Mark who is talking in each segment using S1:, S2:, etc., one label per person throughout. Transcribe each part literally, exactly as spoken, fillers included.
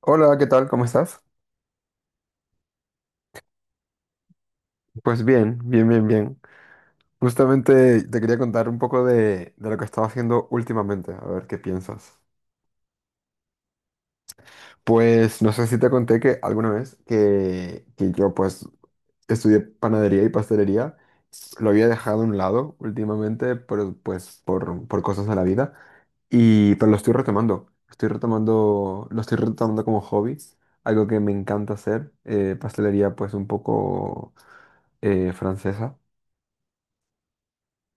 S1: Hola, ¿qué tal? ¿Cómo estás? Pues bien, bien, bien, bien. Justamente te quería contar un poco de, de lo que estaba haciendo últimamente, a ver qué piensas. Pues no sé si te conté que alguna vez que, que yo pues estudié panadería y pastelería. Lo había dejado a un lado últimamente, pero pues por, por cosas de la vida, y, pero lo estoy retomando, estoy retomando, lo estoy retomando como hobby, algo que me encanta hacer. Eh, pastelería pues un poco eh, francesa.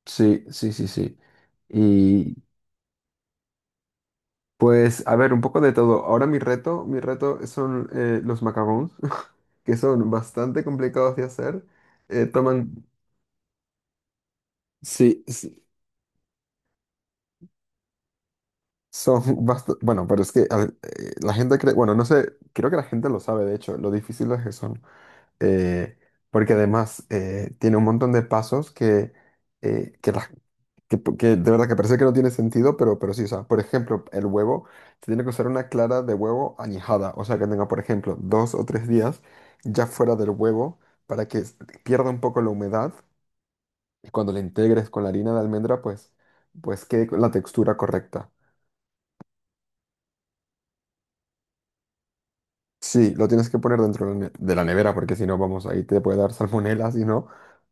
S1: Sí, sí, sí, sí. Y pues, a ver, un poco de todo. Ahora mi reto, mi reto son eh, los macarons, que son bastante complicados de hacer. Eh, toman, sí, sí. Son bastante, bueno, pero es que, a ver, eh, la gente cree, bueno, no sé, creo que la gente lo sabe, de hecho, lo difíciles que son. eh, Porque además eh, tiene un montón de pasos que, eh, que, la- que- que de verdad que parece que no tiene sentido, pero, pero sí, o sea, por ejemplo, el huevo se tiene que usar una clara de huevo añejada, o sea, que tenga, por ejemplo, dos o tres días ya fuera del huevo, para que s- pierda un poco la humedad, y cuando la integres con la harina de almendra, pues, pues quede con la textura correcta. Sí, lo tienes que poner dentro de la ne- de la nevera, porque si no, vamos, ahí te puede dar salmonela, si no.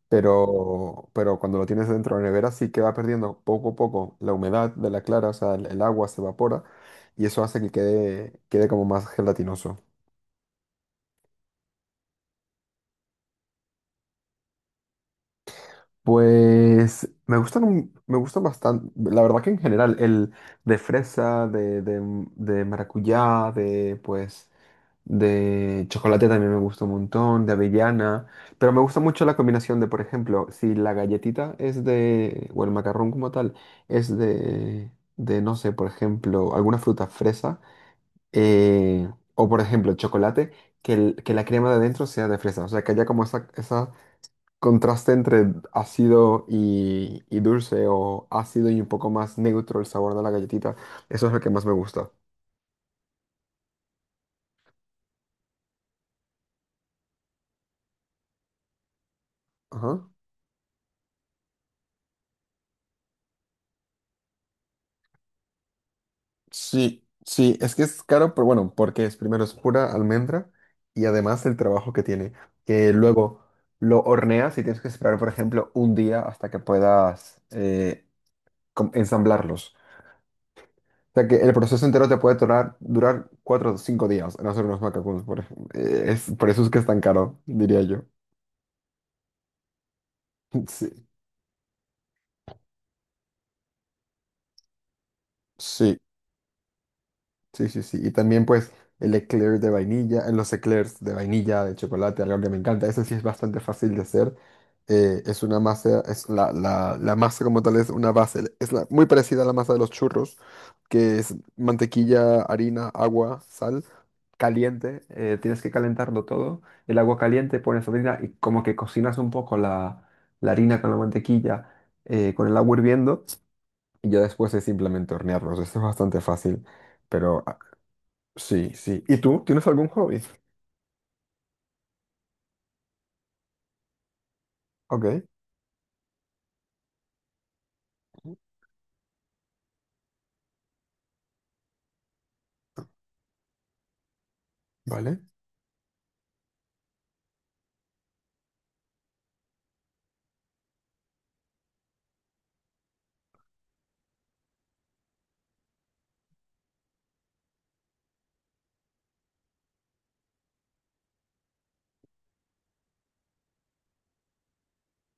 S1: Pero, pero cuando lo tienes dentro de la nevera, sí que va perdiendo poco a poco la humedad de la clara, o sea, el, el agua se evapora, y eso hace que quede, quede como más gelatinoso. Pues me gustan, un- me gustan bastante, la verdad, que en general el de fresa, de, de, de maracuyá, de pues... De chocolate también me gusta un montón, de avellana, pero me gusta mucho la combinación de, por ejemplo, si la galletita es de, o el macarrón como tal, es de, de no sé, por ejemplo, alguna fruta, fresa, eh, o por ejemplo, chocolate, que, el- que la crema de adentro sea de fresa, o sea, que haya como esa, esa contraste entre ácido y, y dulce, o ácido y un poco más neutro el sabor de la galletita. Eso es lo que más me gusta. Ajá. Sí, sí, es que es caro, pero bueno, porque es primero es pura almendra y además el trabajo que tiene. Que luego lo horneas y tienes que esperar, por ejemplo, un día hasta que puedas eh, com- ensamblarlos. O sea que el proceso entero te puede durar, durar cuatro o cinco días en hacer unos macacoons, por ejemplo. Eh, es, por eso es que es tan caro, diría yo. Sí, sí. Sí, sí, sí. Y también pues el eclair de vainilla, eh, los eclairs de vainilla, de chocolate, algo que me encanta. Eso sí es bastante fácil de hacer. Eh, es una masa, es la, la, la masa como tal, es una base, es la- muy parecida a la masa de los churros, que es mantequilla, harina, agua, sal, caliente. Eh, tienes que calentarlo todo. El agua caliente, pones harina y como que cocinas un poco la, la harina con la mantequilla, eh, con el agua hirviendo. Y ya después es simplemente hornearlos. Esto es bastante fácil. Pero Sí, sí. ¿Y tú? ¿Tienes algún hobby? Ok, vale.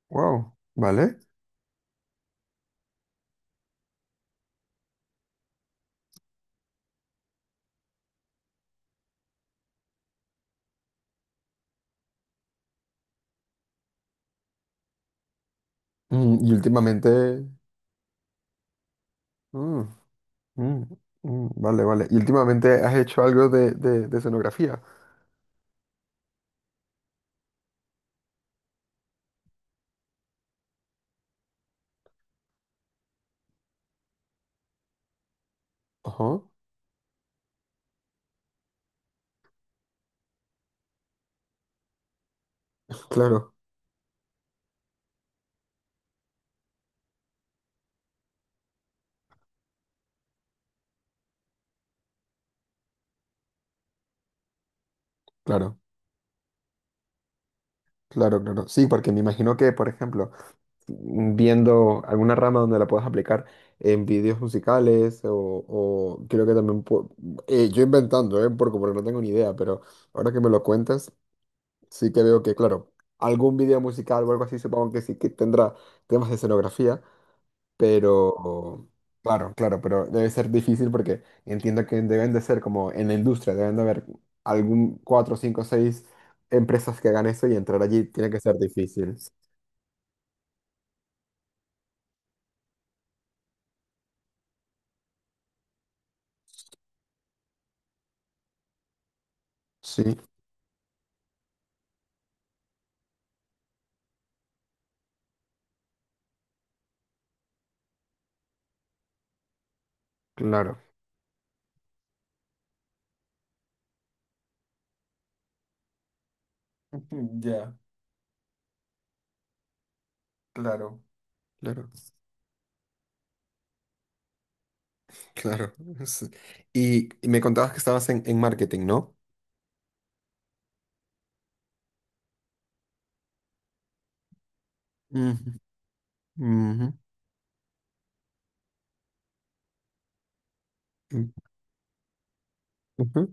S1: Wow, vale. Mm, y últimamente. Mm, mm, mm, vale, vale. ¿Y últimamente has hecho algo de, de, de escenografía? Ajá. Claro, claro, claro, claro. Sí, porque me imagino que, por ejemplo, mm, viendo alguna rama donde la puedas aplicar en vídeos musicales, o, o creo que también pu- eh, yo inventando, ¿eh? Porque, porque no tengo ni idea, pero ahora que me lo cuentas, sí que veo que, claro, algún video musical o algo así supongo que sí que tendrá temas de escenografía, pero claro, claro, pero debe ser difícil porque entiendo que deben de ser, como en la industria, deben de haber algún cuatro, cinco, seis empresas que hagan eso, y entrar allí tiene que ser difícil. Sí, claro. Ya, claro. Claro, claro. Sí. Y, y me contabas que estabas en, en marketing, ¿no? Ujú, ujú, ujú. Ujú.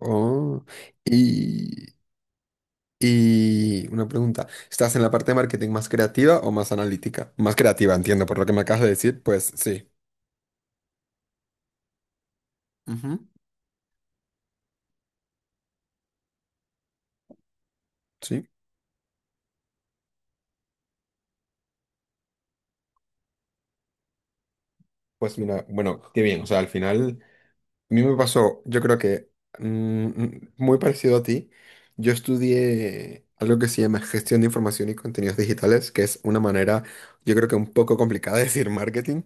S1: Oh, y Y una pregunta, ¿estás en la parte de marketing más creativa o más analítica? Más creativa, entiendo, por lo que me acabas de decir, pues sí. Ujú. Sí. Pues mira, bueno, qué bien, o sea, al final. A mí me pasó. Yo creo que mm, mm, muy parecido a ti. Yo estudié algo que se llama gestión de información y contenidos digitales, que es una manera, yo creo, que un poco complicada de decir marketing,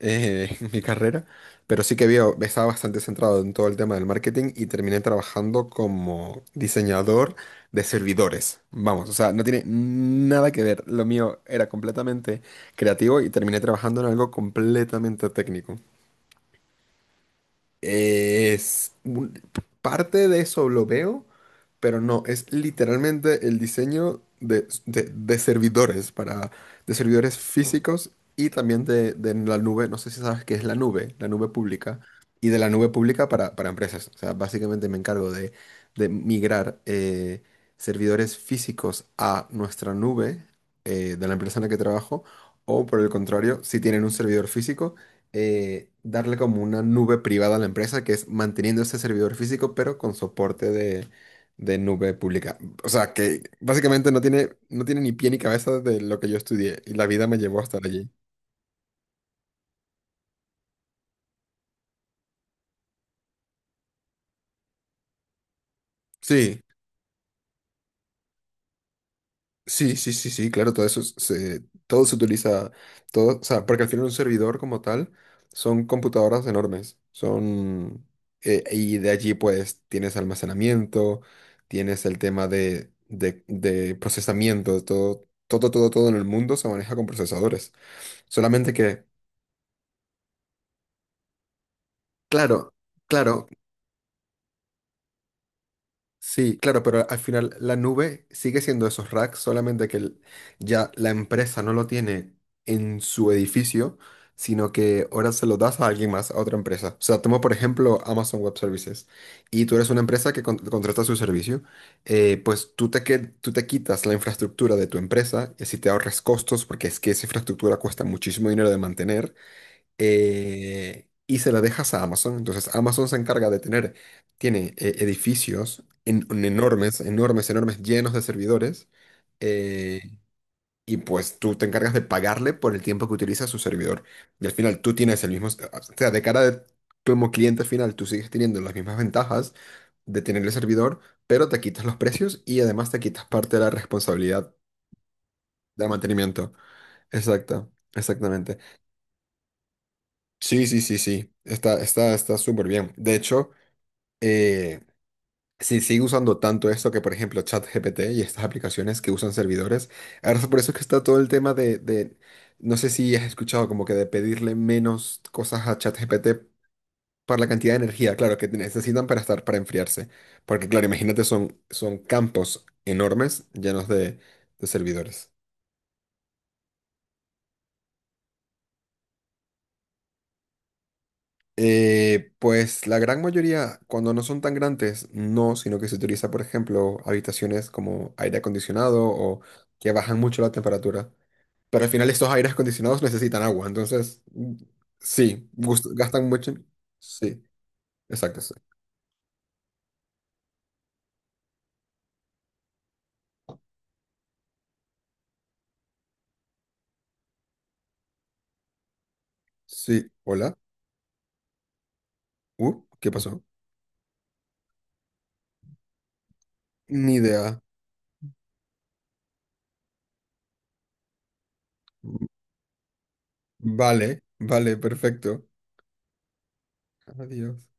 S1: eh, en mi carrera. Pero sí que veo, estaba bastante centrado en todo el tema del marketing, y terminé trabajando como diseñador de servidores. Vamos, o sea, no tiene nada que ver. Lo mío era completamente creativo y terminé trabajando en algo completamente técnico. Es un- Parte de eso lo veo, pero no, es literalmente el diseño de, de- de servidores para, de servidores físicos, y también de, de la nube. No sé si sabes qué es la nube, la nube pública, y de la nube pública para, para empresas. O sea, básicamente me encargo de, de migrar, eh, servidores físicos a nuestra nube, eh, de la empresa en la que trabajo, o por el contrario, si tienen un servidor físico, eh, darle como una nube privada a la empresa, que es manteniendo este servidor físico, pero con soporte de, de nube pública. O sea, que básicamente no tiene, no tiene ni pie ni cabeza de lo que yo estudié, y la vida me llevó hasta allí. Sí. Sí, sí, sí, sí, claro, todo eso es- se, todo se utiliza, todo, o sea, porque al final un servidor como tal son computadoras enormes. Son, eh, y de allí pues tienes almacenamiento, tienes el tema de, de, de procesamiento. Todo, todo, todo, todo en el mundo se maneja con procesadores. Solamente que, claro, claro, sí, claro, pero al final la nube sigue siendo esos racks, solamente que el- ya la empresa no lo tiene en su edificio, sino que ahora se lo das a alguien más, a otra empresa. O sea, tomo por ejemplo Amazon Web Services, y tú eres una empresa que con- contrata su servicio. Eh, pues tú te, que- tú te quitas la infraestructura de tu empresa, y así te ahorras costos, porque es que esa infraestructura cuesta muchísimo dinero de mantener, eh, y se la dejas a Amazon. Entonces Amazon se encarga de tener, tiene eh, edificios en- en enormes, enormes, enormes, llenos de servidores. eh, y pues tú te encargas de pagarle por el tiempo que utiliza su servidor. Y al final tú tienes el mismo, o sea, de cara de, como cliente final, tú sigues teniendo las mismas ventajas de tener el servidor, pero te quitas los precios y además te quitas parte de la responsabilidad del mantenimiento. Exacto, exactamente. Sí, sí, sí, sí. Está, está, está súper bien. De hecho, eh, si sigue usando tanto esto que, por ejemplo, ChatGPT y estas aplicaciones que usan servidores, ahora es por eso que está todo el tema de, de- no sé si has escuchado, como que de pedirle menos cosas a ChatGPT para la cantidad de energía, claro, que necesitan para estar, para enfriarse. Porque, claro, imagínate, son, son campos enormes llenos de, de servidores. Eh, pues la gran mayoría, cuando no son tan grandes, no, sino que se utiliza, por ejemplo, habitaciones como aire acondicionado, o que bajan mucho la temperatura. Pero al final estos aires acondicionados necesitan agua, entonces mm, sí, gust- gastan mucho. Sí, exacto, sí. Sí, hola. Uh, ¿qué pasó? Ni idea. Mm, vale, vale, perfecto. Adiós.